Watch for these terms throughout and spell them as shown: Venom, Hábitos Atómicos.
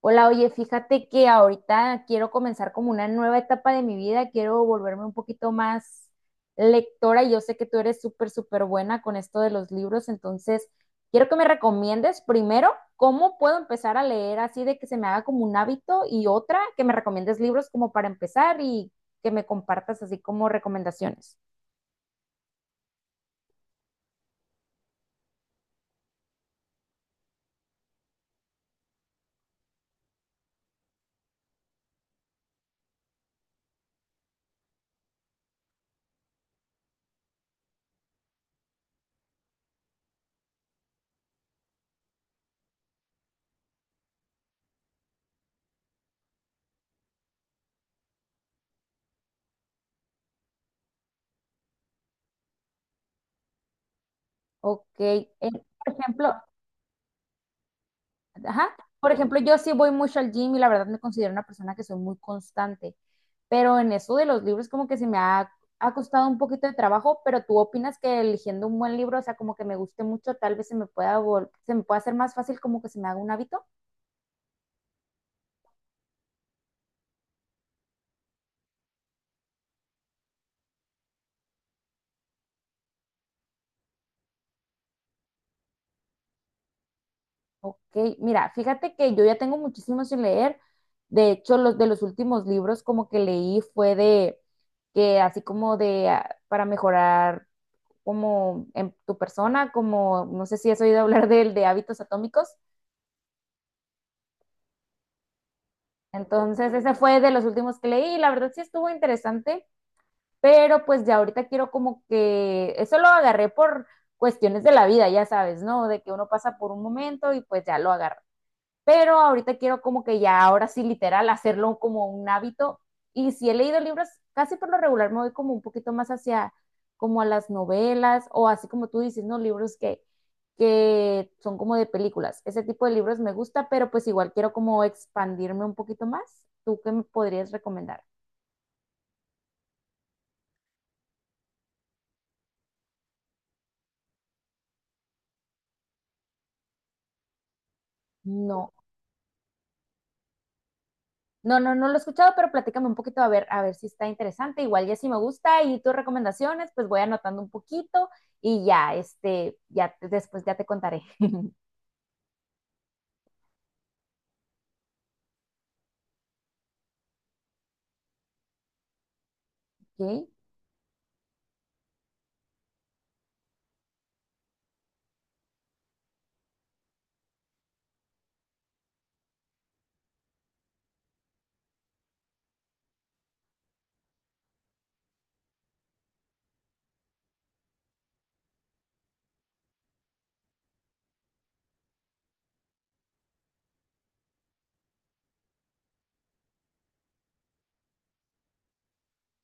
Hola, oye, fíjate que ahorita quiero comenzar como una nueva etapa de mi vida, quiero volverme un poquito más lectora y yo sé que tú eres súper buena con esto de los libros, entonces quiero que me recomiendes primero cómo puedo empezar a leer así de que se me haga como un hábito y otra que me recomiendes libros como para empezar y que me compartas así como recomendaciones. Ok, por ejemplo. Ajá. Por ejemplo, yo sí voy mucho al gym y la verdad me considero una persona que soy muy constante, pero en eso de los libros como que ha costado un poquito de trabajo, pero tú opinas que eligiendo un buen libro, o sea, como que me guste mucho, tal vez se me pueda hacer más fácil como que se me haga un hábito. Ok, mira, fíjate que yo ya tengo muchísimo sin leer. De hecho, los últimos libros como que leí fue de que así como de ah, para mejorar como en tu persona, como no sé si has oído hablar del de hábitos atómicos. Entonces, ese fue de los últimos que leí y la verdad sí estuvo interesante, pero pues ya ahorita quiero como que eso lo agarré por cuestiones de la vida, ya sabes, ¿no? De que uno pasa por un momento y pues ya lo agarra. Pero ahorita quiero como que ya ahora sí literal hacerlo como un hábito. Y si he leído libros, casi por lo regular me voy como un poquito más hacia como a las novelas o así como tú dices, ¿no? Que son como de películas. Ese tipo de libros me gusta, pero pues igual quiero como expandirme un poquito más. ¿Tú qué me podrías recomendar? No. No lo he escuchado, pero platícame un poquito a ver si está interesante. Igual ya si me gusta y tus recomendaciones, pues voy anotando un poquito y ya, este, después ya te contaré. Ok,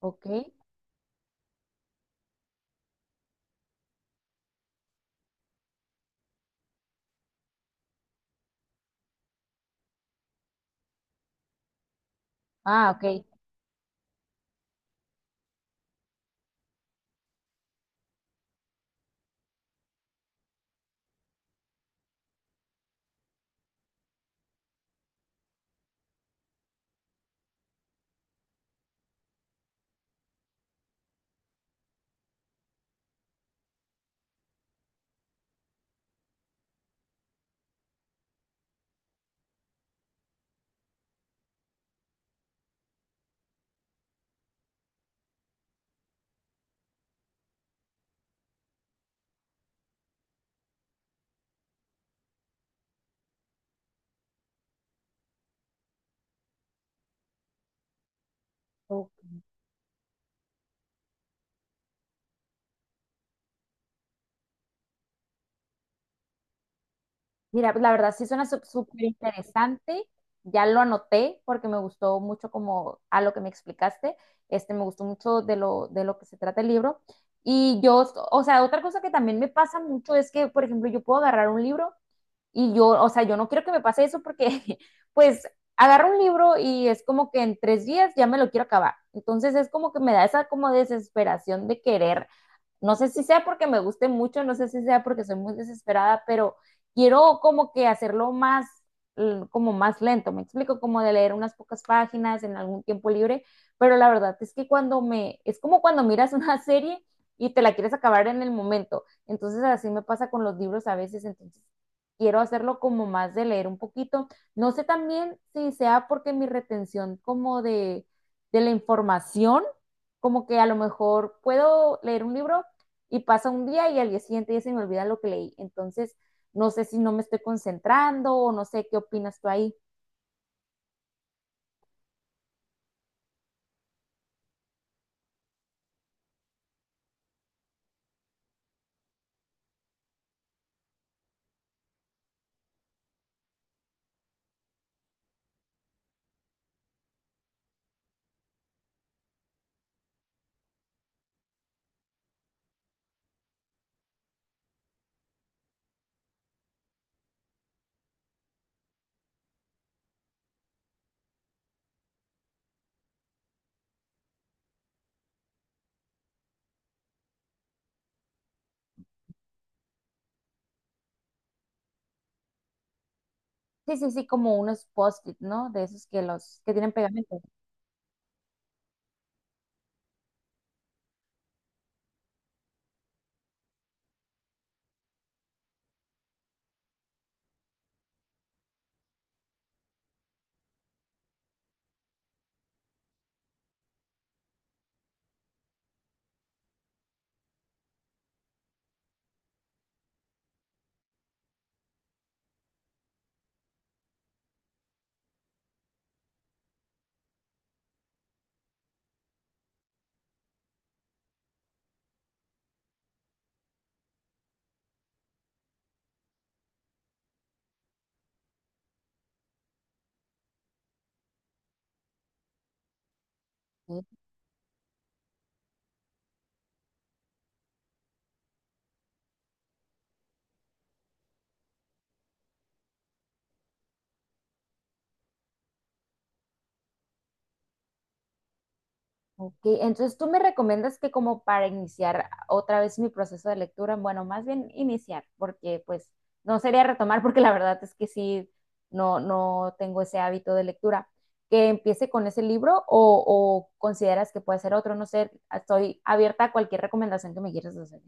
ok. Ah, ok. Ok. Mira, la verdad sí suena súper interesante. Ya lo anoté porque me gustó mucho como a lo que me explicaste. Este, me gustó mucho de lo que se trata el libro. Y yo, o sea, otra cosa que también me pasa mucho es que, por ejemplo, yo puedo agarrar un libro. Y yo, o sea, yo no quiero que me pase eso porque, pues, agarro un libro y es como que en 3 días ya me lo quiero acabar. Entonces es como que me da esa como desesperación de querer, no sé si sea porque me guste mucho, no sé si sea porque soy muy desesperada, pero quiero como que como más lento, me explico, como de leer unas pocas páginas en algún tiempo libre, pero la verdad es que es como cuando miras una serie y te la quieres acabar en el momento, entonces así me pasa con los libros a veces, entonces quiero hacerlo como más de leer un poquito, no sé también si sea porque mi de la información, como que a lo mejor puedo leer un libro y pasa un día y al día siguiente ya se me olvida lo que leí. Entonces, no sé si no me estoy concentrando o no sé qué opinas tú ahí. Sí, sí, sí, como unos post-it, ¿no? De esos que los que tienen pegamento. Sí. Ok, entonces tú me recomiendas que como para iniciar otra vez mi proceso de lectura, bueno, más bien iniciar, porque pues no sería retomar, porque la verdad es que sí, no tengo ese hábito de lectura. Que empiece con ese libro o consideras que puede ser otro, no sé, estoy abierta a cualquier recomendación que me quieras hacer.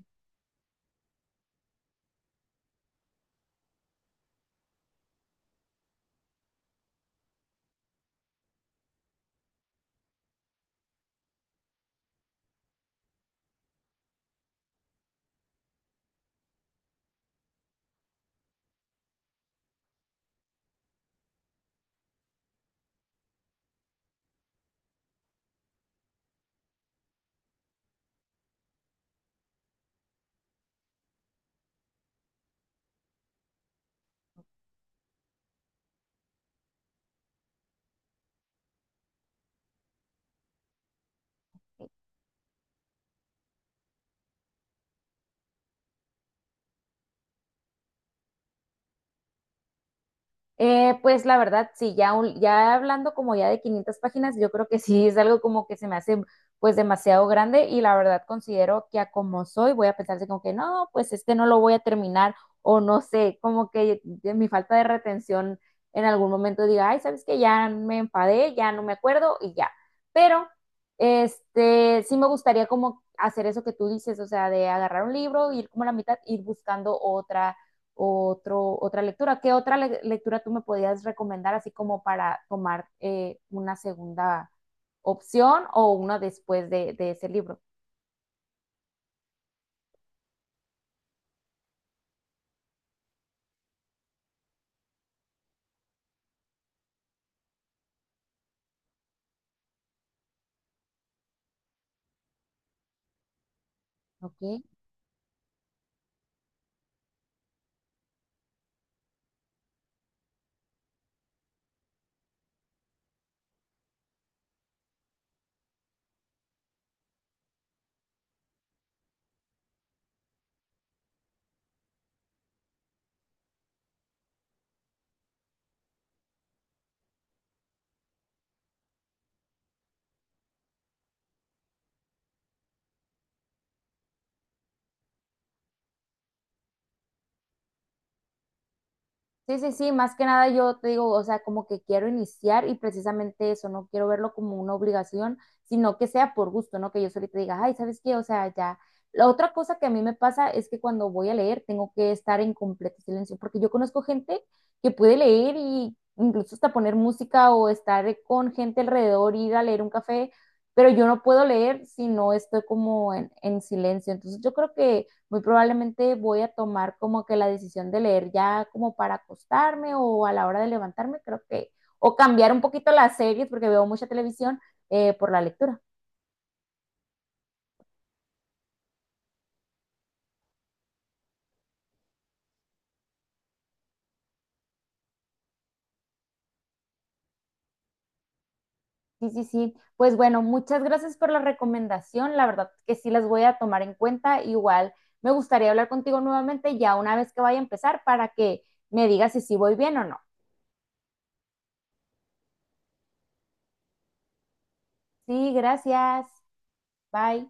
Pues la verdad, sí, ya, ya hablando como ya de 500 páginas, yo creo que sí es algo como que se me hace pues demasiado grande y la verdad considero que a como soy voy a pensarse como que no, pues este no lo voy a terminar o no sé, como que de mi falta de retención en algún momento diga, ay, ¿sabes qué? Ya me enfadé, ya no me acuerdo y ya. Pero este sí me gustaría como hacer eso que tú dices, o sea, de agarrar un libro, ir como a la mitad, ir buscando otra otro, otra lectura. ¿Qué otra le lectura tú me podías recomendar así como para tomar una segunda opción o una después de ese libro? Ok. Sí, sí, sí, más que nada yo te digo, o sea, como que quiero iniciar y precisamente eso, no quiero verlo como una obligación, sino que sea por gusto, ¿no? Que yo solita diga, ay, ¿sabes qué? O sea, ya. La otra cosa que a mí me pasa es que cuando voy a leer tengo que estar en completo silencio, porque yo conozco gente que puede leer y incluso hasta poner música o estar con gente alrededor, ir a leer un café, pero yo no puedo leer si no estoy como en silencio. Entonces yo creo que muy probablemente voy a tomar como que la decisión de leer ya como para acostarme o a la hora de levantarme, creo que, o cambiar un poquito las series porque veo mucha televisión por la lectura. Sí, sí, sí. Pues bueno, muchas gracias por la recomendación. La verdad que sí las voy a tomar en cuenta. Igual me gustaría hablar contigo nuevamente ya una vez que vaya a empezar para que me digas si sí voy bien o no. Sí, gracias. Bye.